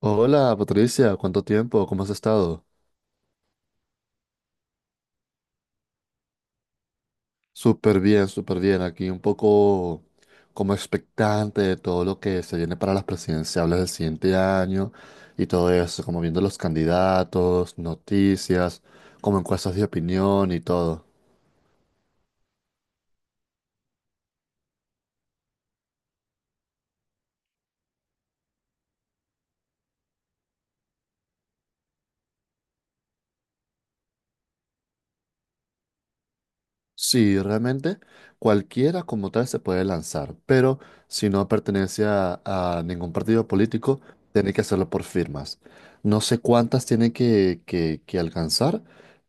Hola Patricia, ¿cuánto tiempo? ¿Cómo has estado? Súper bien, súper bien. Aquí un poco como expectante de todo lo que se viene para las presidenciales del siguiente año y todo eso, como viendo los candidatos, noticias, como encuestas de opinión y todo. Sí, realmente cualquiera como tal se puede lanzar, pero si no pertenece a ningún partido político, tiene que hacerlo por firmas. No sé cuántas tiene que alcanzar,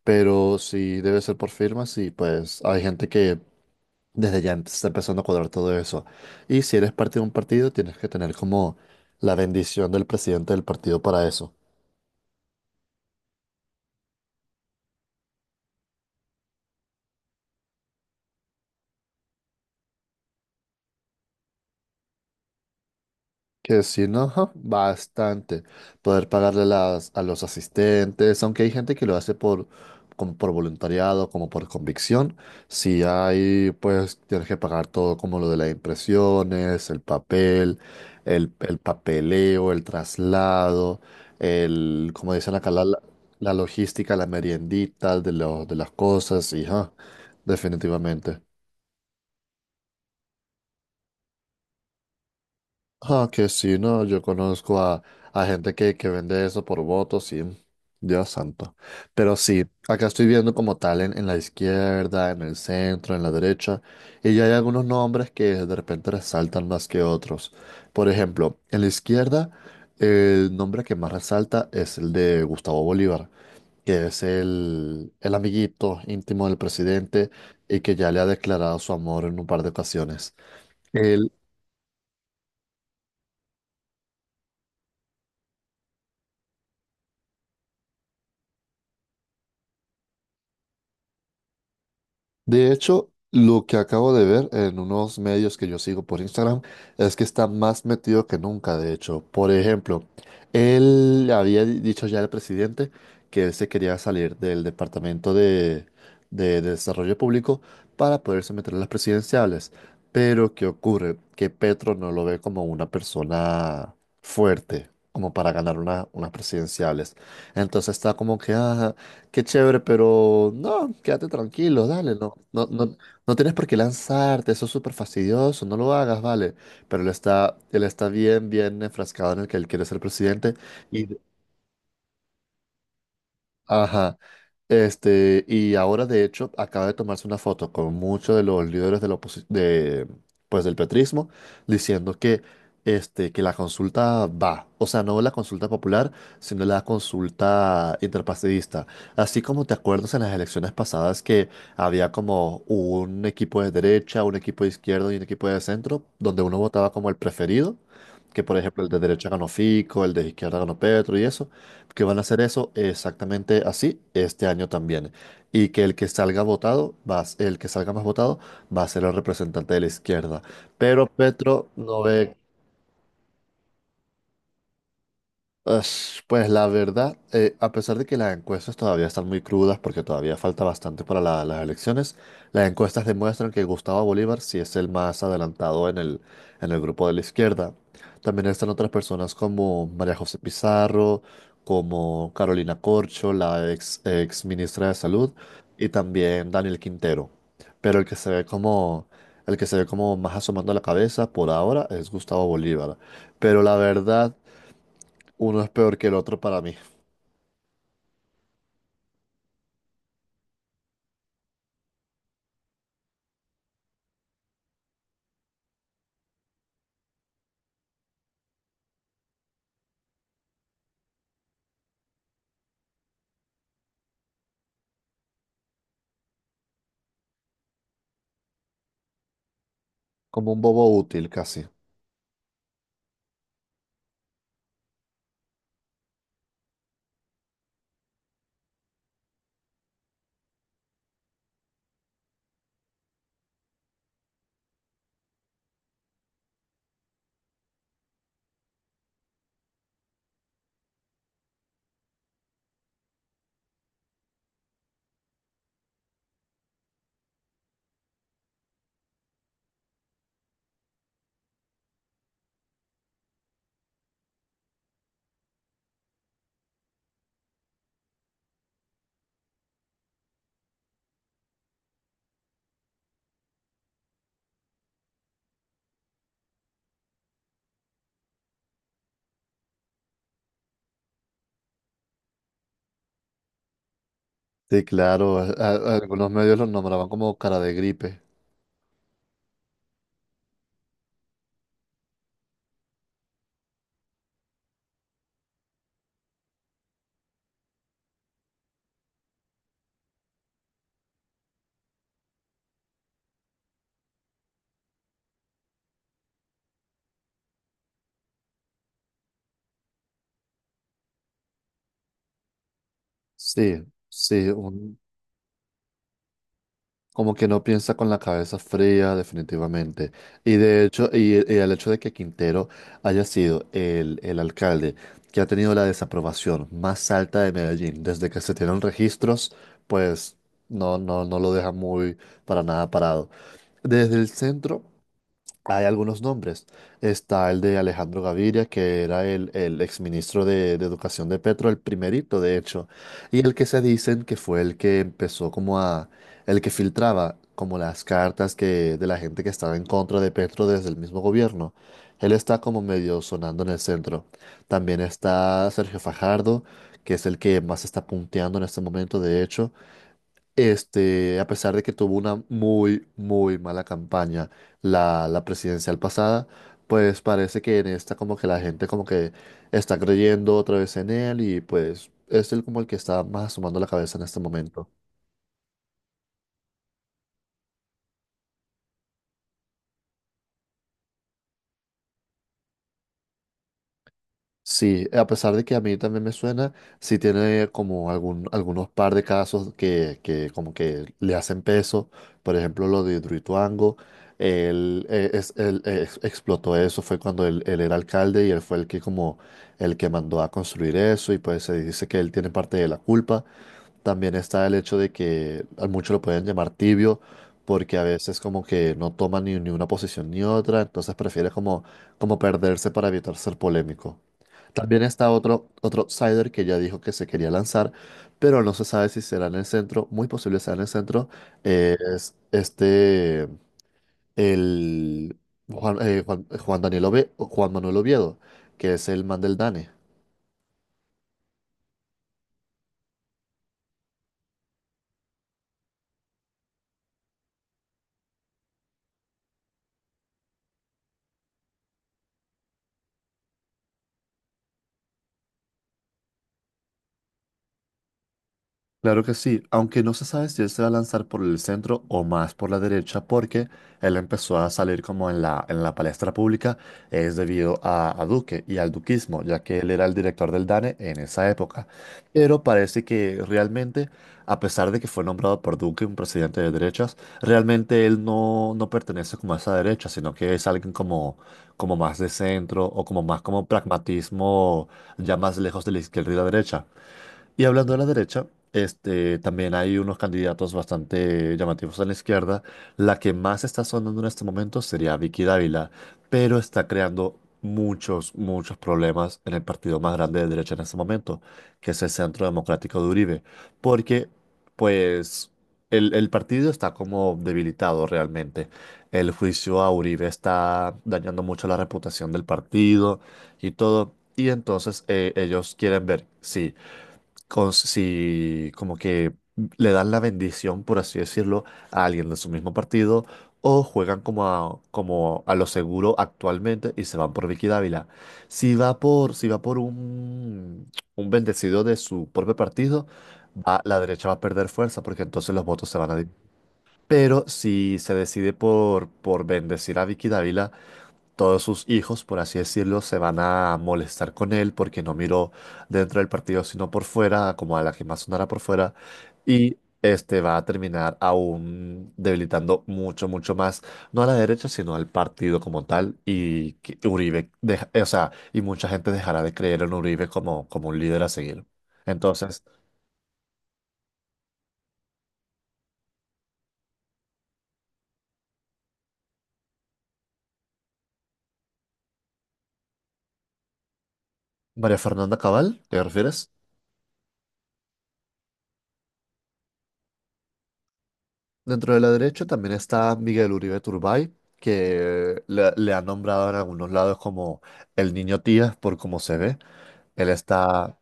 pero sí debe ser por firmas y pues hay gente que desde ya está empezando a cuadrar todo eso. Y si eres parte de un partido, tienes que tener como la bendición del presidente del partido para eso. Que sí, ¿no? Ajá, bastante. Poder pagarle las, a los asistentes, aunque hay gente que lo hace por, como por voluntariado, como por convicción. Si hay, pues tienes que pagar todo, como lo de las impresiones, el papel, el papeleo, el traslado, el, como dicen acá, la logística, la meriendita de, lo- de las cosas, y ajá, definitivamente. Ah, que sí, no, yo conozco a gente que vende eso por votos, sí, Dios santo. Pero sí, acá estoy viendo como tal en la izquierda, en el centro, en la derecha, y ya hay algunos nombres que de repente resaltan más que otros. Por ejemplo, en la izquierda, el nombre que más resalta es el de Gustavo Bolívar, que es el amiguito íntimo del presidente y que ya le ha declarado su amor en un par de ocasiones. De hecho, lo que acabo de ver en unos medios que yo sigo por Instagram es que está más metido que nunca, de hecho. Por ejemplo, él había dicho ya al presidente que él se quería salir del Departamento de Desarrollo Público para poderse meter en las presidenciales. Pero, ¿qué ocurre? Que Petro no lo ve como una persona fuerte, como para ganar unas presidenciales. Entonces está como que: "Ah, qué chévere, pero no, quédate tranquilo, dale, no, no, no, no tienes por qué lanzarte, eso es súper fastidioso, no lo hagas, vale". Pero él está bien, bien enfrascado en el que él quiere ser presidente y ajá. Este, y ahora de hecho acaba de tomarse una foto con muchos de los líderes de la pues, del petrismo diciendo que, este, que la consulta va, o sea, no la consulta popular, sino la consulta interpartidista. Así como te acuerdas en las elecciones pasadas que había como un equipo de derecha, un equipo de izquierda y un equipo de centro, donde uno votaba como el preferido, que por ejemplo el de derecha ganó Fico, el de izquierda ganó Petro y eso, que van a hacer eso exactamente así este año también. Y que el que salga votado, el que salga más votado, va a ser el representante de la izquierda. Pero Petro no ve. Ush, pues la verdad, a pesar de que las encuestas todavía están muy crudas porque todavía falta bastante para las elecciones, las encuestas demuestran que Gustavo Bolívar sí es el más adelantado en el grupo de la izquierda. También están otras personas como María José Pizarro, como Carolina Corcho, la ex ministra de Salud, y también Daniel Quintero. Pero el que se ve como, el que se ve como más asomando la cabeza por ahora es Gustavo Bolívar. Pero la verdad... Uno es peor que el otro para mí, como un bobo útil casi. Sí, claro, algunos medios los nombraban como cara de gripe. Sí, sí, como que no piensa con la cabeza fría, definitivamente. Y de hecho, y el hecho de que Quintero haya sido el alcalde que ha tenido la desaprobación más alta de Medellín desde que se tienen registros, pues no, no, no lo deja muy para nada parado. Desde el centro. Hay algunos nombres. Está el de Alejandro Gaviria, que era el exministro de Educación de Petro, el primerito, de hecho, y el que se dicen que fue el que empezó como a, el que filtraba como las cartas que, de la gente que estaba en contra de Petro desde el mismo gobierno. Él está como medio sonando en el centro. También está Sergio Fajardo, que es el que más está punteando en este momento, de hecho. Este, a pesar de que tuvo una muy, muy mala campaña la presidencial pasada, pues parece que en esta como que la gente como que está creyendo otra vez en él y pues es él como el que está más asomando la cabeza en este momento. Sí, a pesar de que a mí también me suena, sí tiene como algún, algunos par de casos que como que le hacen peso. Por ejemplo, lo de Hidroituango, él, es- él, ex- explotó eso, fue cuando él, era alcalde y él fue el que como el que mandó a construir eso y pues se dice que él tiene parte de la culpa. También está el hecho de que a muchos lo pueden llamar tibio porque a veces como que no toma ni una posición ni otra, entonces prefiere como, como perderse para evitar ser polémico. También está otro outsider que ya dijo que se quería lanzar, pero no se sabe si será en el centro, muy posible será en el centro. Eh, es este, el Juan Manuel Oviedo, que es el man del DANE. Claro que sí, aunque no se sabe si él se va a lanzar por el centro o más por la derecha, porque él empezó a salir como en la palestra pública, es debido a Duque y al duquismo, ya que él era el director del DANE en esa época. Pero parece que realmente, a pesar de que fue nombrado por Duque un presidente de derechas, realmente él no, no pertenece como a esa derecha, sino que es alguien como, como más de centro o como más como pragmatismo, ya más lejos de la izquierda y la derecha. Y hablando de la derecha, este, también hay unos candidatos bastante llamativos a la izquierda. La que más está sonando en este momento sería Vicky Dávila, pero está creando muchos, muchos problemas en el partido más grande de derecha en este momento, que es el Centro Democrático de Uribe, porque pues el partido está como debilitado realmente. El juicio a Uribe está dañando mucho la reputación del partido y todo. Y entonces ellos quieren ver si si como que le dan la bendición, por así decirlo, a alguien de su mismo partido, o juegan como a, como a lo seguro actualmente y se van por Vicky Dávila. Si va por, si va por un bendecido de su propio partido, la derecha va a perder fuerza porque entonces los votos se van a... di-. Pero si se decide por bendecir a Vicky Dávila, todos sus hijos, por así decirlo, se van a molestar con él porque no miró dentro del partido, sino por fuera, como a la que más sonara por fuera, y este va a terminar aún debilitando mucho, mucho más, no a la derecha, sino al partido como tal, y que Uribe, o sea, y mucha gente dejará de creer en Uribe como, como un líder a seguir. Entonces, María Fernanda Cabal, ¿te refieres? Dentro de la derecha también está Miguel Uribe Turbay, que le han nombrado en algunos lados como el niño tía por cómo se ve. Él está,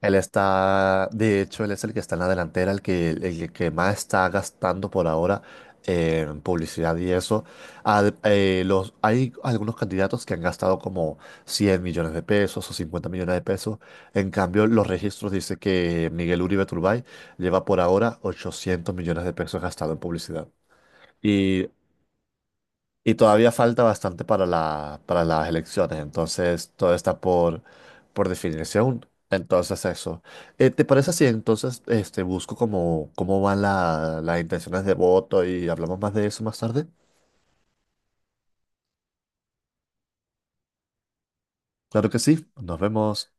él está, de hecho, él es el que está en la delantera, el que más está gastando por ahora en publicidad y eso. Los, hay algunos candidatos que han gastado como 100 millones de pesos o 50 millones de pesos. En cambio, los registros dicen que Miguel Uribe Turbay lleva por ahora 800 millones de pesos gastado en publicidad. Y, y todavía falta bastante para la, para las elecciones, entonces todo está por definirse aún. Entonces eso. ¿Te parece si entonces este, busco cómo, cómo van las intenciones de voto y hablamos más de eso más tarde? Claro que sí, nos vemos.